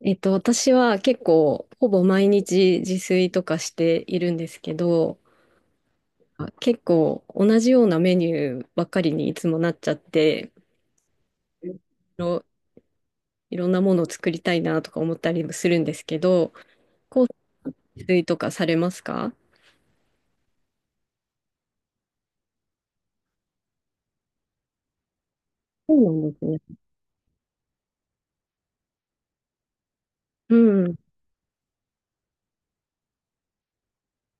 えっと、私は結構、ほぼ毎日自炊とかしているんですけど、結構同じようなメニューばっかりにいつもなっちゃって、いろ、いろんなものを作りたいなとか思ったりもするんですけど、自炊とかされますか？そうなんですね。うん、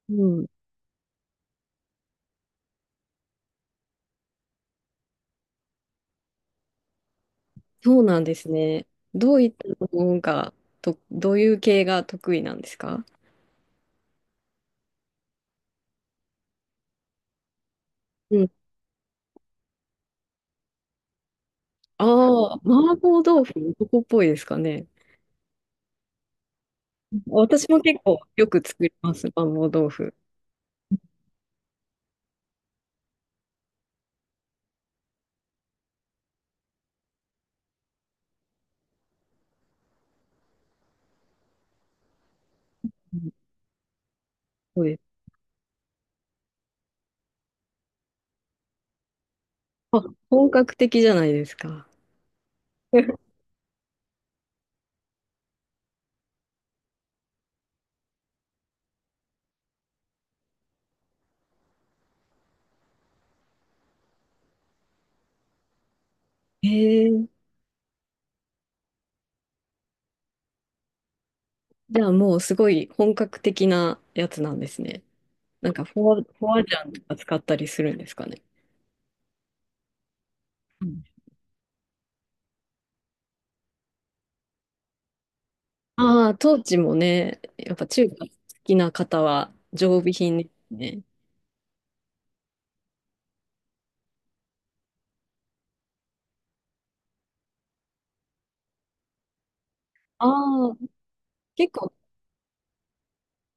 うん。そうなんですね。どういったのが、どういう系が得意なんですか？うん。ああ、麻婆豆腐、男っぽいですかね。私も結構よく作ります、麻婆豆腐。うん、そうです。あ、本格的じゃないですか。へえ。じゃあもうすごい本格的なやつなんですね。なんかフォアジャンとか使ったりするんですかね。ああー、トーチもね、やっぱ中華好きな方は常備品ですね。ああ、結構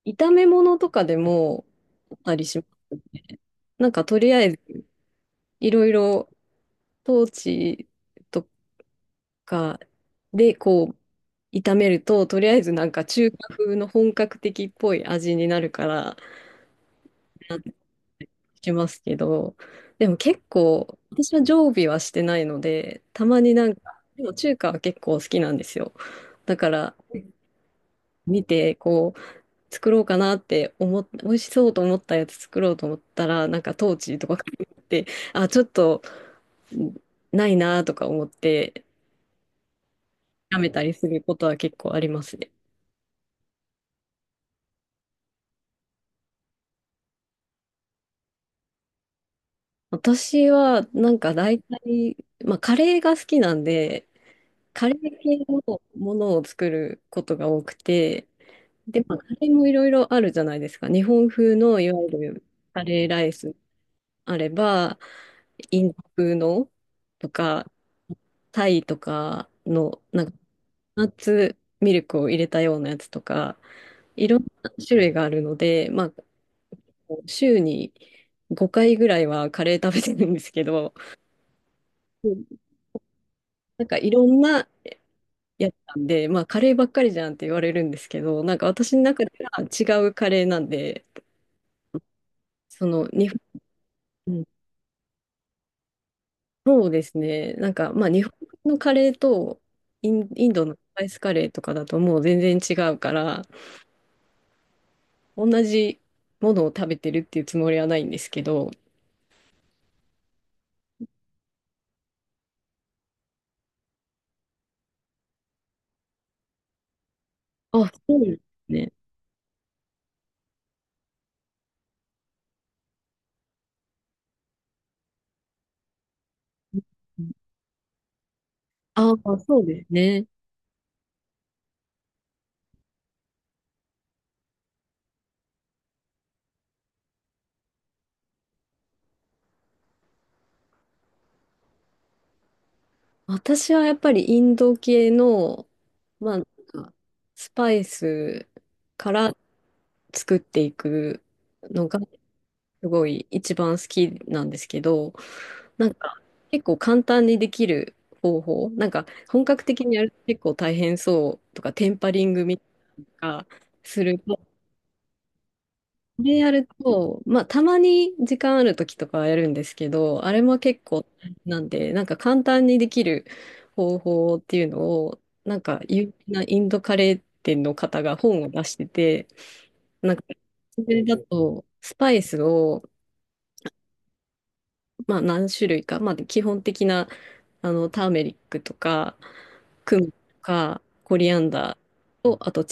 炒め物とかでもあったりしますね。なんかとりあえずいろいろトーチとか、で、こう、炒めると、とりあえずなんか中華風の本格的っぽい味になるから、なってしますけど、でも結構、私は常備はしてないので、たまになんか、でも中華は結構好きなんですよ。だから、見て、こう、作ろうかなって思っ、美味しそうと思ったやつ作ろうと思ったら、なんかトーチーとか買って、あ、ちょっと、ないなとか思って、やめたりすることは結構ありますね。私は、なんか大体、まあ、カレーが好きなんで、カレー系のものを作ることが多くて、で、まあ、カレーもいろいろあるじゃないですか。日本風のいわゆるカレーライスあれば、インド風のとか、タイとかの、なんか、ナッツミルクを入れたようなやつとか、いろんな種類があるので、まあ、週に5回ぐらいはカレー食べてるんですけど、うん、なんかいろんなやってたんで、まあカレーばっかりじゃんって言われるんですけど、なんか私の中では違うカレーなんで、その日本、うん、そうですね、なんかまあ日本のカレーとインドのスパイスカレーとかだともう全然違うから、同じものを食べてるっていうつもりはないんですけど、あ、そうですね。ああ、そうですね。私はやっぱりインド系の、まあ、なんかスパイスから作っていくのがすごい一番好きなんですけど、なんか結構簡単にできる方法、なんか本格的にやると結構大変そうとか、テンパリングみたいなのがするこれやると、まあ、たまに時間ある時とかはやるんですけど、あれも結構なんで、なんか簡単にできる方法っていうのを、なんか有名なインドカレー店の方が本を出してて、なんか、それだと、スパイスを、まあ、何種類か、まあ、基本的な、あの、ターメリックとか、クミンとか、コリアンダーと、あと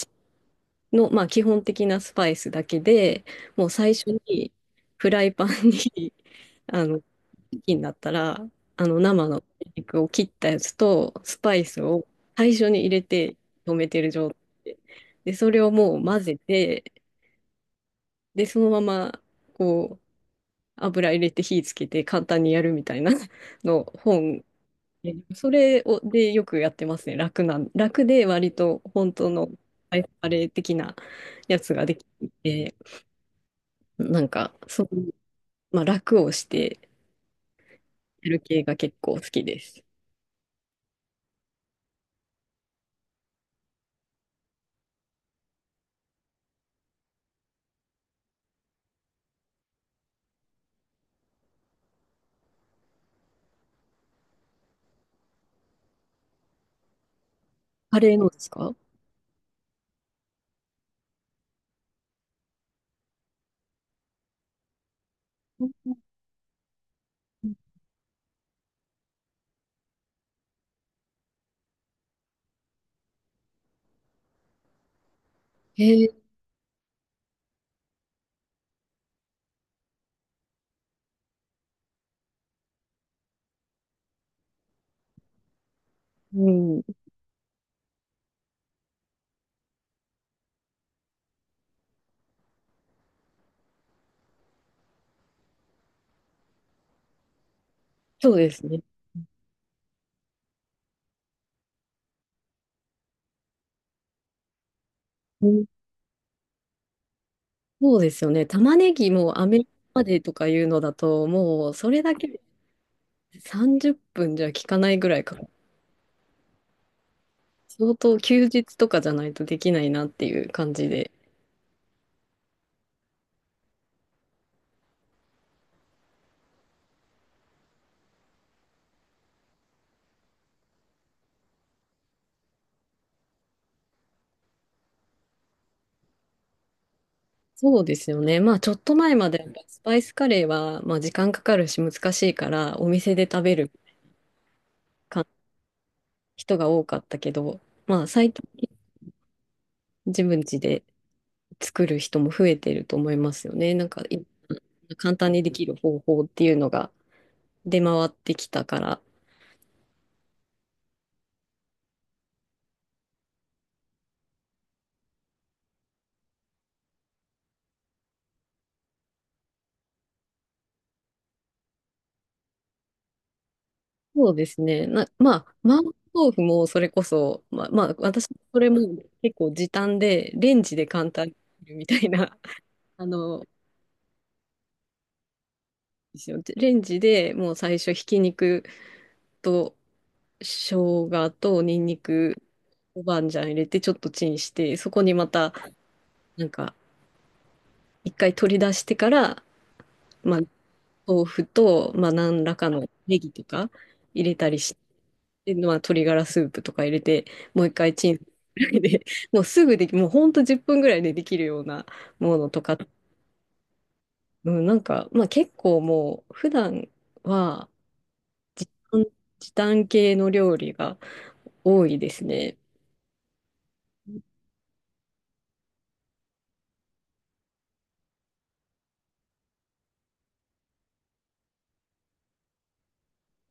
の、まあ、基本的なスパイスだけで、もう最初にフライパンに あの、チキンだったら、あの、生の鶏肉を切ったやつと、スパイスを最初に入れて止めてる状態で、で、それをもう混ぜて、で、そのまま、こう、油入れて火つけて簡単にやるみたいな の本。それをでよくやってますね。楽なん、楽で割と本当のスパイスカレー的なやつができて。なんか、そういう、まあ、楽をしてやる系が結構好きです。カレーのですか？ええ、うん、そうですね。うん、そうですよね。玉ねぎもアメリカまでとかいうのだと、もうそれだけで30分じゅっぷんじゃ効かないぐらいか。相当休日とかじゃないとできないなっていう感じで。そうですよね。まあちょっと前までやっぱスパイスカレーはまあ時間かかるし難しいからお店で食べるか人が多かったけど、まあ最近自分家で作る人も増えてると思いますよね。なんか、簡単にできる方法っていうのが出回ってきたから。そうですね。まあ、麻婆豆腐もそれこそ、まあ、私、それも結構時短で、レンジで簡単にできるみたいな、あの、ですよレンジでもう最初、ひき肉と生姜とニンニク、豆板醤入れて、ちょっとチンして、そこにまた、なんか、一回取り出してから、まあ、豆腐と、まあ、何らかのネギとか入れたりして、まあ、鶏ガラスープとか入れて、もう一回チンぐらいで、もうほんと10分ぐらいでできるようなものとか、うん、なんか、まあ、結構もう、普段は時短、時短系の料理が多いですね。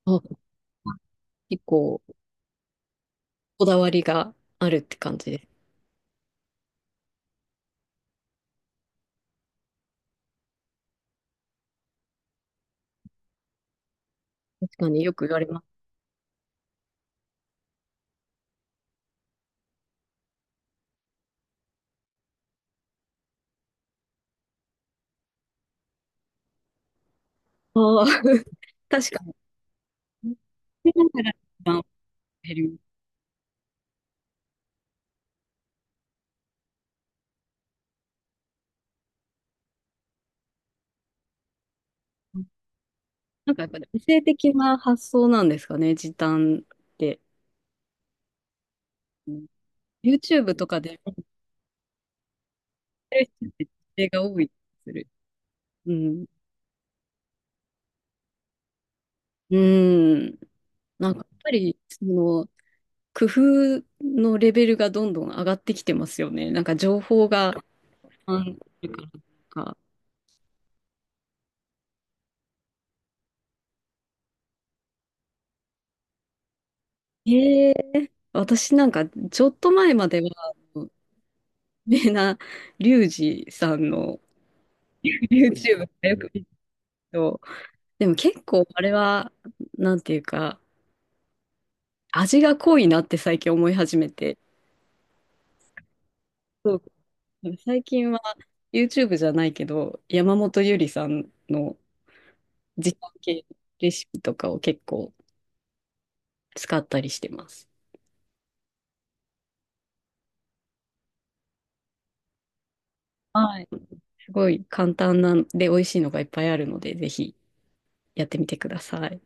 あ、結構、こだわりがあるって感じです。確かによく言われます。ああ、確かに。だから減る。なんかやっぱり理性的な発想なんですかね、時短って。うん、 YouTube とかで見てる人って女性が多い気がする。うん。うん。なんかやっぱり、その、工夫のレベルがどんどん上がってきてますよね。なんか情報が、あるからか。へえ。私なんか、ちょっと前までは、あの有名なリュウジさんの YouTube がよく見ると、でも結構あれは、なんていうか、味が濃いなって最近思い始めて、そう最近は YouTube じゃないけど、山本ゆりさんの時短系レシピとかを結構使ったりしてます。はい。すごい簡単なんで美味しいのがいっぱいあるので、ぜひやってみてください。